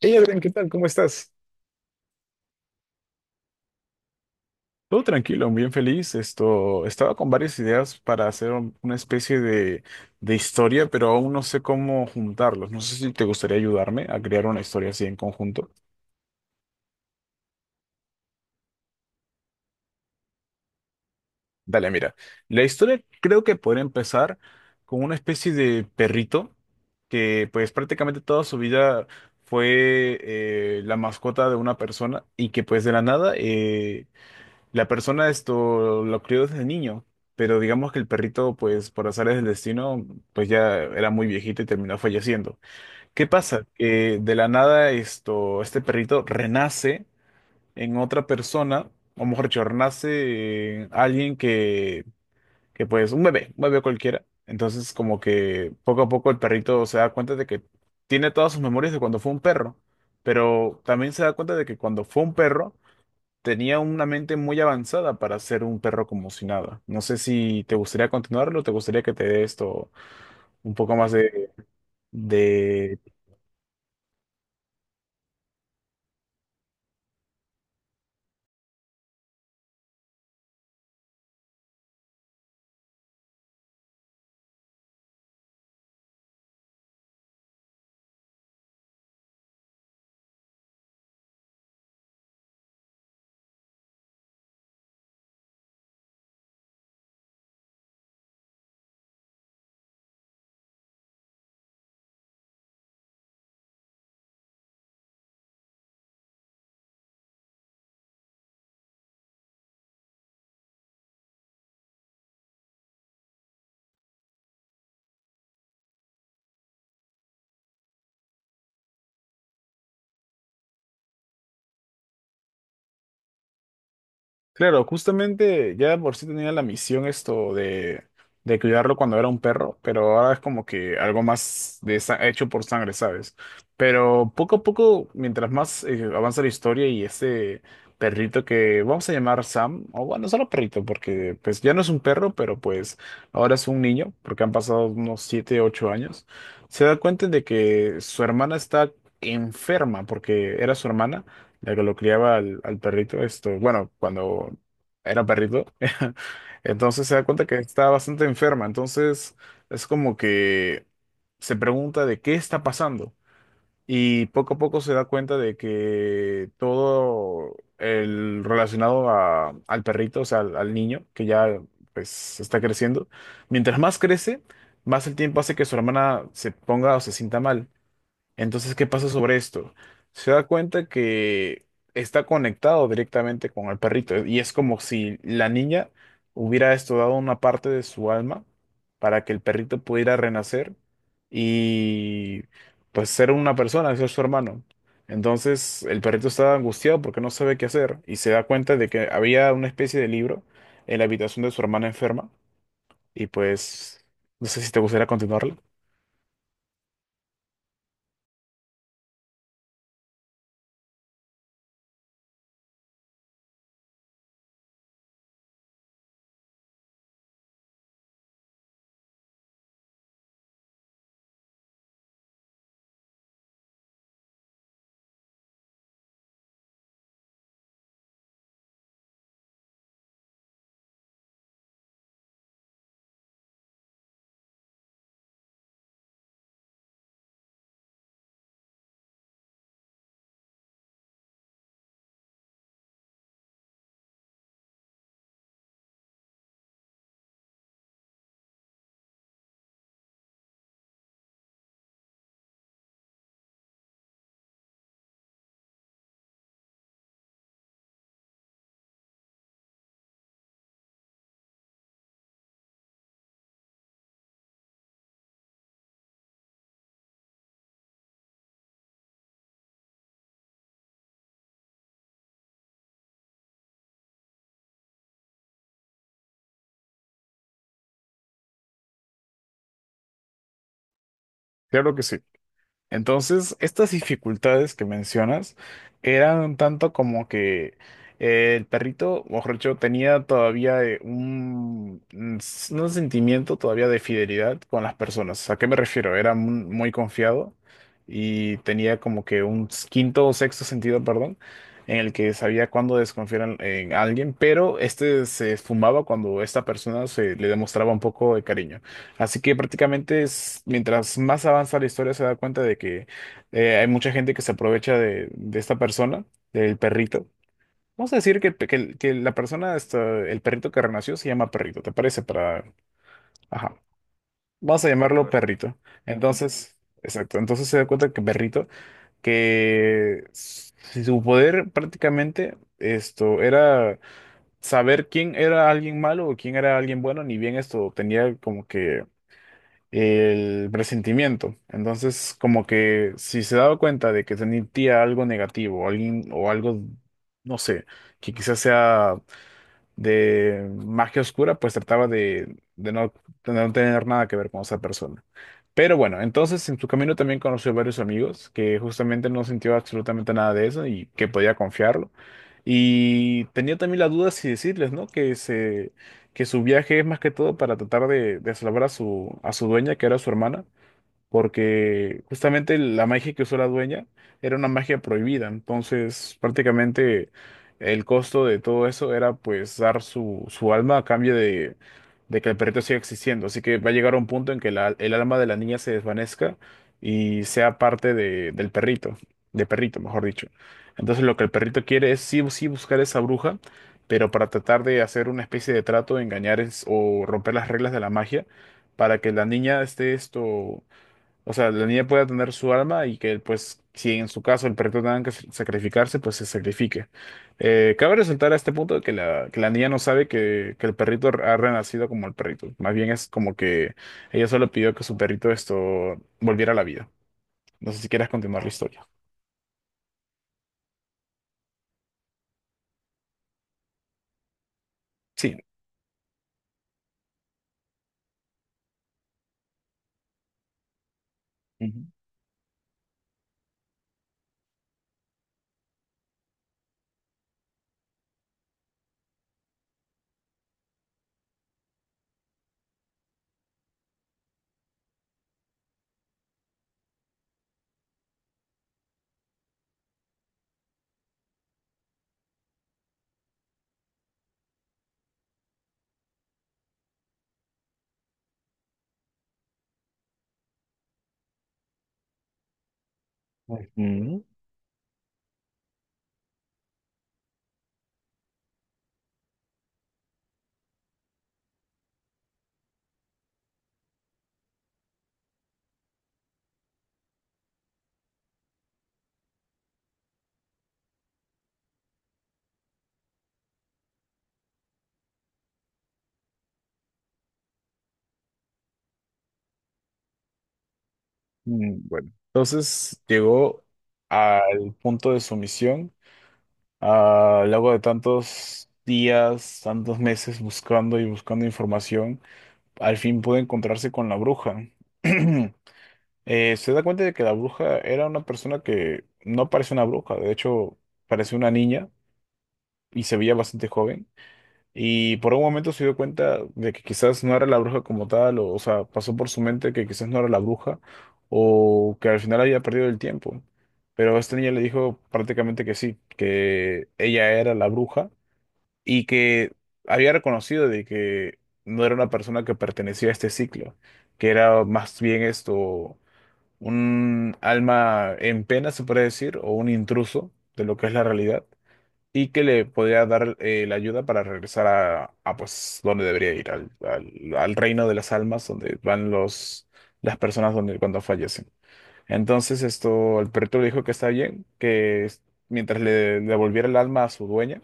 Hey Adrián, ¿qué tal? ¿Cómo estás? Todo tranquilo, bien feliz. Estaba con varias ideas para hacer una especie de historia, pero aún no sé cómo juntarlos. No sé si te gustaría ayudarme a crear una historia así en conjunto. Dale, mira. La historia creo que podría empezar con una especie de perrito que pues prácticamente toda su vida fue la mascota de una persona y que pues de la nada. La persona, esto lo crió desde niño, pero digamos que el perrito, pues por azares del destino, pues ya era muy viejito y terminó falleciendo. ¿Qué pasa? Que de la nada, este perrito renace en otra persona, o mejor dicho, renace en alguien que pues un bebé cualquiera. Entonces como que poco a poco el perrito se da cuenta de que tiene todas sus memorias de cuando fue un perro, pero también se da cuenta de que cuando fue un perro tenía una mente muy avanzada para ser un perro como si nada. No sé si te gustaría continuarlo, te gustaría que te dé esto un poco más de. Claro, justamente ya de por sí tenía la misión de cuidarlo cuando era un perro, pero ahora es como que algo más de hecho por sangre, ¿sabes? Pero poco a poco, mientras más avanza la historia y ese perrito que vamos a llamar Sam, o bueno, solo perrito, porque pues ya no es un perro, pero pues ahora es un niño, porque han pasado unos 7, 8 años. Se da cuenta de que su hermana está enferma, porque era su hermana la que lo criaba al perrito, bueno, cuando era perrito, entonces se da cuenta que está bastante enferma. Entonces es como que se pregunta de qué está pasando y poco a poco se da cuenta de que todo el relacionado al perrito, o sea, al niño, que ya pues está creciendo, mientras más crece, más el tiempo hace que su hermana se ponga o se sienta mal. Entonces, ¿qué pasa sobre esto? Se da cuenta que está conectado directamente con el perrito y es como si la niña hubiera estudiado una parte de su alma para que el perrito pudiera renacer y pues ser una persona, ser su hermano. Entonces, el perrito está angustiado porque no sabe qué hacer y se da cuenta de que había una especie de libro en la habitación de su hermana enferma y pues no sé si te gustaría continuarlo. Claro que sí. Entonces, estas dificultades que mencionas eran un tanto como que el perrito, o mejor dicho, tenía todavía no un sentimiento todavía de fidelidad con las personas. ¿A qué me refiero? Era muy confiado y tenía como que un quinto o sexto sentido, perdón, en el que sabía cuándo desconfiar en alguien, pero este se esfumaba cuando esta persona se le demostraba un poco de cariño. Así que prácticamente es, mientras más avanza la historia, se da cuenta de que hay mucha gente que se aprovecha de esta persona, del perrito. Vamos a decir que la persona, el perrito que renació se llama perrito, ¿te parece? Para, ajá, vamos a llamarlo Perfecto. Perrito. Entonces, exacto, entonces se da cuenta que perrito, que si su poder prácticamente esto era saber quién era alguien malo o quién era alguien bueno, ni bien esto tenía como que el presentimiento. Entonces, como que si se daba cuenta de que sentía algo negativo, alguien o algo, no sé, que quizás sea de magia oscura, pues trataba de no tener nada que ver con esa persona. Pero bueno, entonces en su camino también conoció varios amigos que justamente no sintió absolutamente nada de eso y que podía confiarlo. Y tenía también la duda si decirles, ¿no? Que su viaje es más que todo para tratar de salvar a su dueña, que era su hermana, porque justamente la magia que usó la dueña era una magia prohibida, entonces prácticamente el costo de todo eso era pues dar su alma a cambio de que el perrito siga existiendo, así que va a llegar un punto en que el alma de la niña se desvanezca y sea parte del perrito, de perrito, mejor dicho. Entonces lo que el perrito quiere es sí, o sí buscar esa bruja, pero para tratar de hacer una especie de trato, engañar o romper las reglas de la magia, para que la niña esté, esto o sea, la niña pueda tener su alma y que, pues, si en su caso el perrito tenga que sacrificarse, pues se sacrifique. Cabe resaltar a este punto que la niña no sabe que el perrito ha renacido como el perrito. Más bien es como que ella solo pidió que su perrito esto volviera a la vida. No sé si quieras continuar la historia. Sí. Ujú. Ujú. Bueno, entonces llegó al punto de su misión, luego de tantos días, tantos meses buscando y buscando información. Al fin pudo encontrarse con la bruja. Se da cuenta de que la bruja era una persona que no parece una bruja, de hecho parece una niña y se veía bastante joven. Y por un momento se dio cuenta de que quizás no era la bruja como tal, o sea, pasó por su mente que quizás no era la bruja o que al final había perdido el tiempo. Pero esta niña le dijo prácticamente que sí, que ella era la bruja y que había reconocido de que no era una persona que pertenecía a este ciclo, que era más bien, un alma en pena, se puede decir, o un intruso de lo que es la realidad, y que le podía dar la ayuda para regresar pues donde debería ir, al reino de las almas, donde van los, las personas donde, cuando fallecen. Entonces, el perrito le dijo que está bien, que mientras le devolviera el alma a su dueña,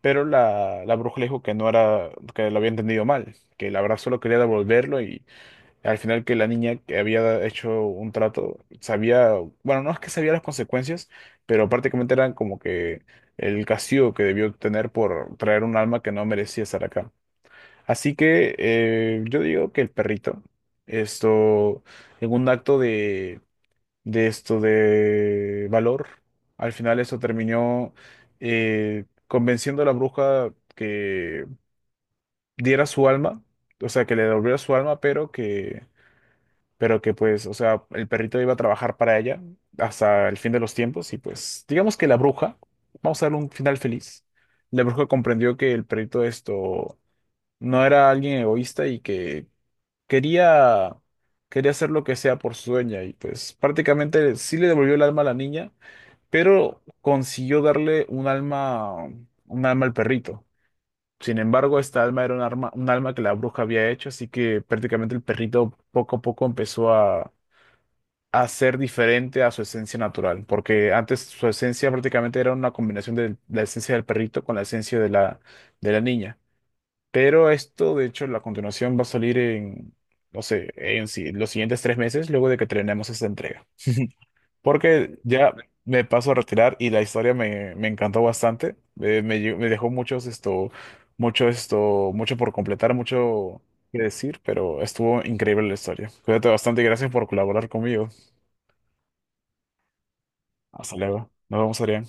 pero la bruja le dijo que no era, que lo había entendido mal, que la verdad solo quería devolverlo y al final que la niña que había hecho un trato sabía, bueno, no es que sabía las consecuencias, pero prácticamente eran como que el castigo que debió tener por traer un alma que no merecía estar acá. Así que yo digo que el perrito, esto, en un acto de valor. Al final eso terminó convenciendo a la bruja que diera su alma, o sea, que le devolviera su alma, pero que pues, o sea, el perrito iba a trabajar para ella hasta el fin de los tiempos y pues, digamos que la bruja, vamos a darle un final feliz. La bruja comprendió que el perrito esto no era alguien egoísta y que quería quería hacer lo que sea por su dueña y pues prácticamente sí le devolvió el alma a la niña, pero consiguió darle un alma al perrito. Sin embargo, esta alma era un alma que la bruja había hecho, así que prácticamente el perrito poco a poco empezó a ser diferente a su esencia natural, porque antes su esencia prácticamente era una combinación de la esencia del perrito con la esencia de la niña. Pero de hecho, la continuación va a salir en, no sé, en los siguientes 3 meses, luego de que terminemos esta entrega. Porque ya me paso a retirar y la historia me encantó bastante. Me dejó mucho por completar, mucho que decir, pero estuvo increíble la historia. Cuídate bastante y gracias por colaborar conmigo. Hasta luego. Nos vemos, Adrián.